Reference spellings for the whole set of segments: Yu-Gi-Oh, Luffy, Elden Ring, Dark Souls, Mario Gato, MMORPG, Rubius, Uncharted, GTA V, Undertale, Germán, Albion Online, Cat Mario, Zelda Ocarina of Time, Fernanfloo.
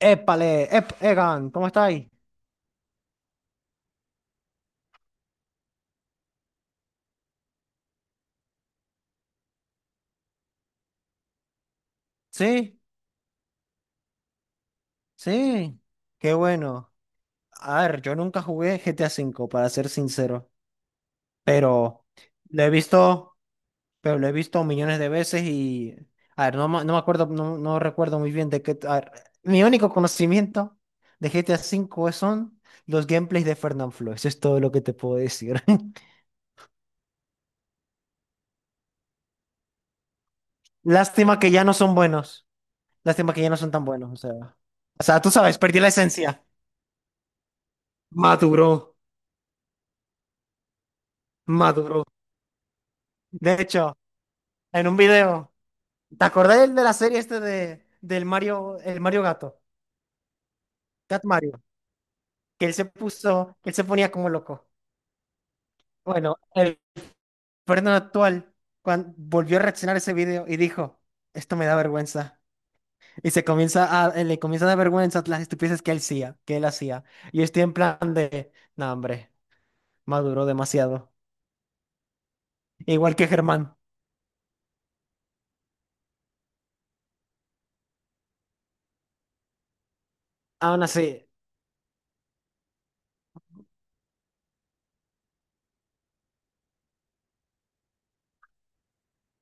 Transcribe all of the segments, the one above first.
Épale, Egan, ¿cómo estáis? Sí, sí, qué bueno. A ver, yo nunca jugué GTA V, para ser sincero, pero lo he visto, pero lo he visto millones de veces y, a ver, no, no me acuerdo, no recuerdo muy bien de qué, a ver, mi único conocimiento de GTA V son los gameplays de Fernanfloo, eso es todo lo que te puedo decir. Lástima que ya no son buenos, lástima que ya no son tan buenos, o sea, tú sabes, perdí la esencia. Maduro, maduro. De hecho, en un video, ¿te acordás del de la serie este de del Mario, el Mario Gato, Cat Mario, que él se ponía como loco? Bueno, el Fernando actual cuando volvió a reaccionar a ese video y dijo, esto me da vergüenza. Y se comienza a, le comienza a dar vergüenza las estupideces que él hacía, que él hacía. Y yo estoy en plan de, no, hombre, maduró demasiado. Igual que Germán. Aún así.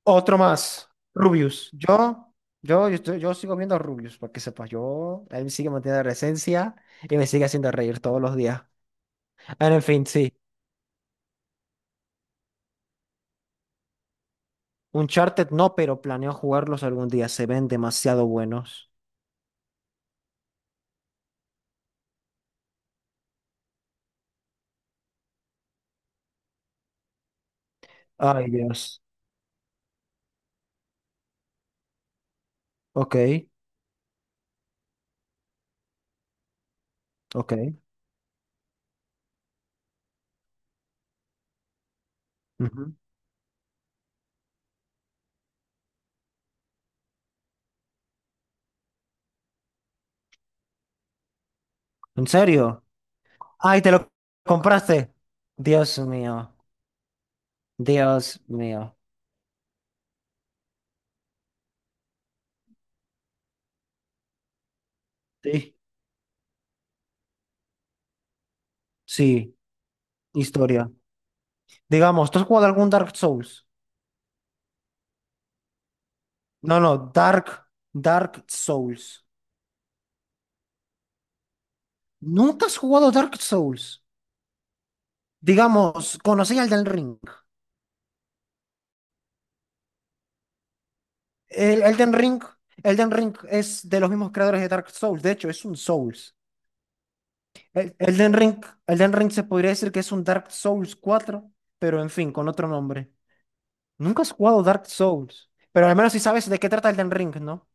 Otro más, Rubius. Yo sigo viendo a Rubius, para que sepas, yo, él sigue manteniendo la esencia y me sigue haciendo reír todos los días. Ah, en fin, sí, Uncharted no, pero planeo jugarlos algún día, se ven demasiado buenos. Ay, Dios. Ok, ok. Ujú. ¿En serio? Ay, ¿te lo compraste? Dios mío, Dios mío. Sí. Sí, historia. Digamos, ¿tú has jugado algún Dark Souls? No, no, Dark Souls. ¿Nunca has jugado Dark Souls? Digamos, conocí Elden Ring. El Elden Ring, Elden Ring es de los mismos creadores de Dark Souls. De hecho, es un Souls. El- Elden Ring, Elden Ring se podría decir que es un Dark Souls 4, pero en fin, con otro nombre. Nunca has jugado Dark Souls, pero al menos si sabes de qué trata Elden Ring, ¿no?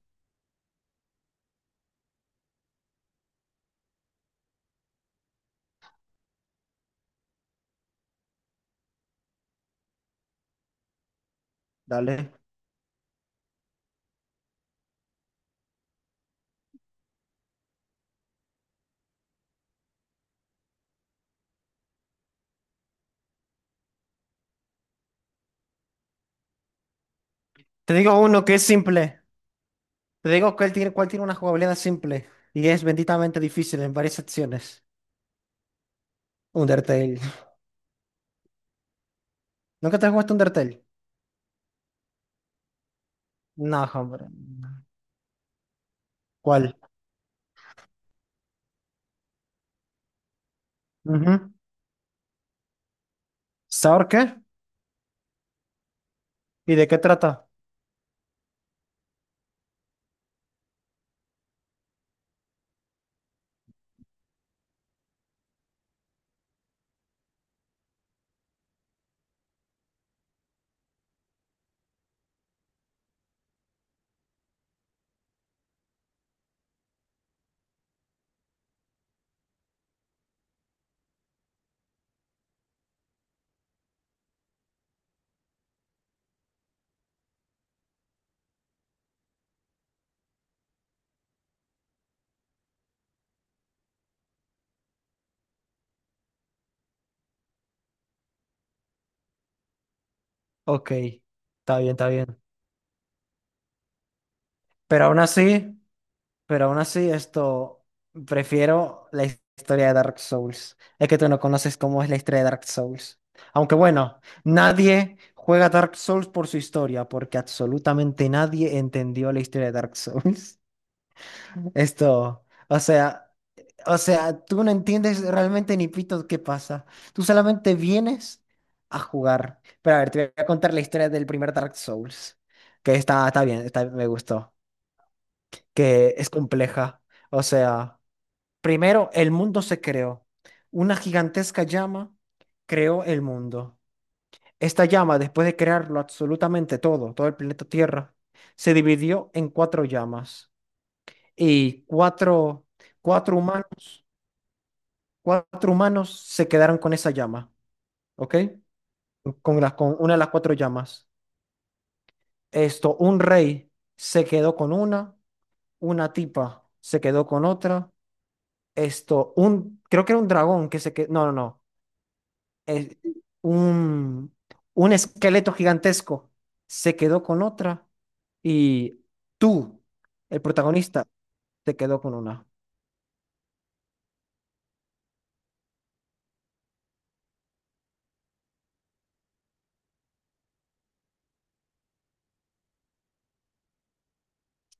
Dale. Te digo uno que es simple. Te digo que él tiene, cuál tiene una jugabilidad simple y es benditamente difícil en varias secciones. Undertale. ¿Nunca te has jugado Undertale? No, hombre, no. ¿Cuál? Ujú. ¿Saur qué? ¿Y de qué trata? Ok, está bien, está bien. Pero aún así, pero aún así, esto, prefiero la historia de Dark Souls. Es que tú no conoces cómo es la historia de Dark Souls. Aunque bueno, nadie juega Dark Souls por su historia, porque absolutamente nadie entendió la historia de Dark Souls. Esto, o sea, tú no entiendes realmente ni pito qué pasa. Tú solamente vienes a jugar. Pero a ver, te voy a contar la historia del primer Dark Souls, que está, está bien, está, me gustó, que es compleja. O sea, primero el mundo se creó. Una gigantesca llama creó el mundo. Esta llama, después de crearlo absolutamente todo, todo el planeta Tierra, se dividió en cuatro llamas y cuatro humanos. Cuatro humanos se quedaron con esa llama, ¿ok? Con con una de las cuatro llamas. Esto, un rey se quedó con una tipa se quedó con otra. Esto, un, creo que era un dragón que se quedó, no. Es un, un esqueleto gigantesco se quedó con otra y tú, el protagonista, te quedó con una.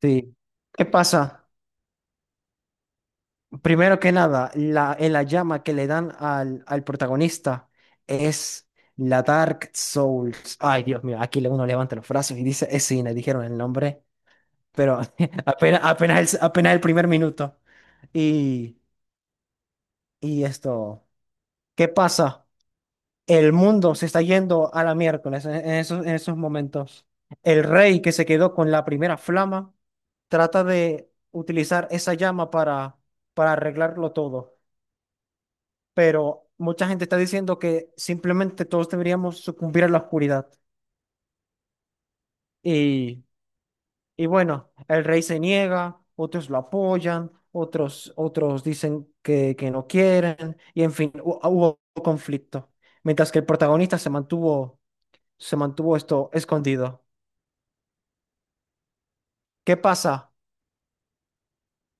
Sí. ¿Qué pasa? Primero que nada, la, en la llama que le dan al protagonista es la Dark Souls. Ay, Dios mío, aquí uno levanta los brazos y dice, es cine, dijeron el nombre, pero apenas, apenas el primer minuto. Y, y esto, ¿qué pasa? El mundo se está yendo a la miércoles en esos momentos. El rey que se quedó con la primera flama trata de utilizar esa llama para arreglarlo todo. Pero mucha gente está diciendo que simplemente todos deberíamos sucumbir a la oscuridad. Y, y bueno, el rey se niega, otros lo apoyan, otros, otros dicen que no quieren, y en fin, hubo conflicto. Mientras que el protagonista se mantuvo esto escondido. ¿Qué pasa?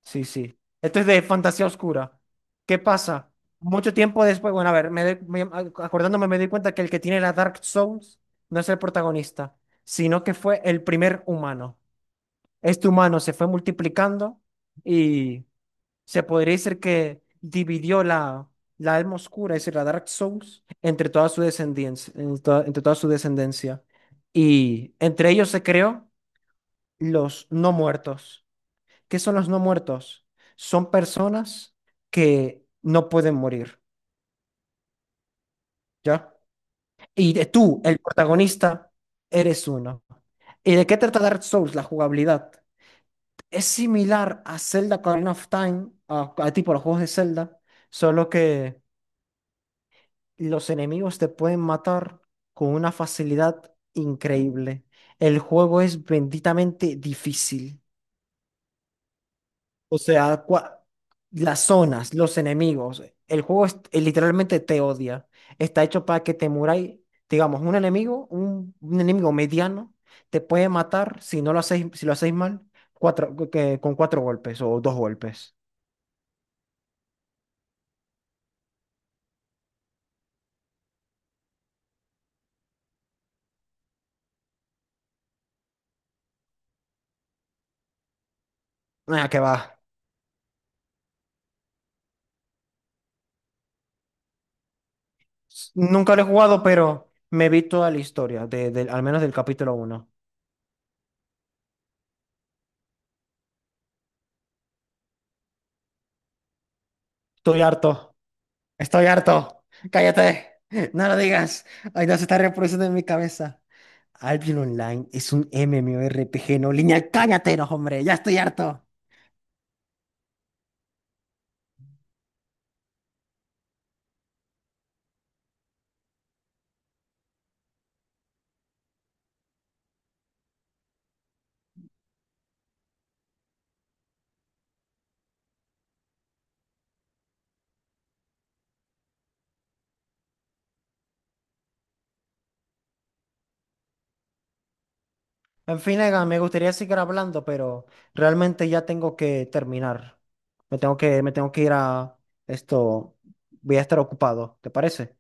Sí, sí. Esto es de fantasía oscura. ¿Qué pasa? Mucho tiempo después, bueno, a ver, acordándome me doy cuenta que el que tiene la Dark Souls no es el protagonista, sino que fue el primer humano. Este humano se fue multiplicando y se podría decir que dividió la alma oscura, es decir, la Dark Souls, entre toda su descendencia, entre toda su descendencia. Y entre ellos se creó los no muertos. ¿Qué son los no muertos? Son personas que no pueden morir, ¿ya? Y tú, el protagonista, eres uno. ¿Y de qué trata Dark Souls? La jugabilidad. Es similar a Zelda Ocarina of Time, a tipo los juegos de Zelda, solo que los enemigos te pueden matar con una facilidad increíble. El juego es benditamente difícil. O sea, las zonas, los enemigos, literalmente te odia. Está hecho para que te muráis, digamos, un enemigo, un enemigo mediano, te puede matar si no lo hacéis, si lo hacéis mal, con cuatro golpes o dos golpes. Ah, que va. Nunca lo he jugado, pero me vi toda la historia, al menos del capítulo uno. Estoy harto. Estoy harto. Cállate. No lo digas. Ay, no se está reproduciendo en mi cabeza. Albion Online es un MMORPG no lineal. Cállate, no, hombre. Ya estoy harto. En fin, Egan, me gustaría seguir hablando, pero realmente ya tengo que terminar. Me tengo que ir a esto. Voy a estar ocupado. ¿Te parece?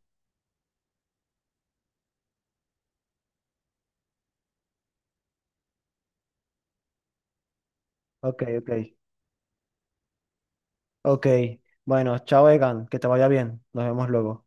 Ok, ok. Ok. Bueno, chao, Egan. Que te vaya bien. Nos vemos luego.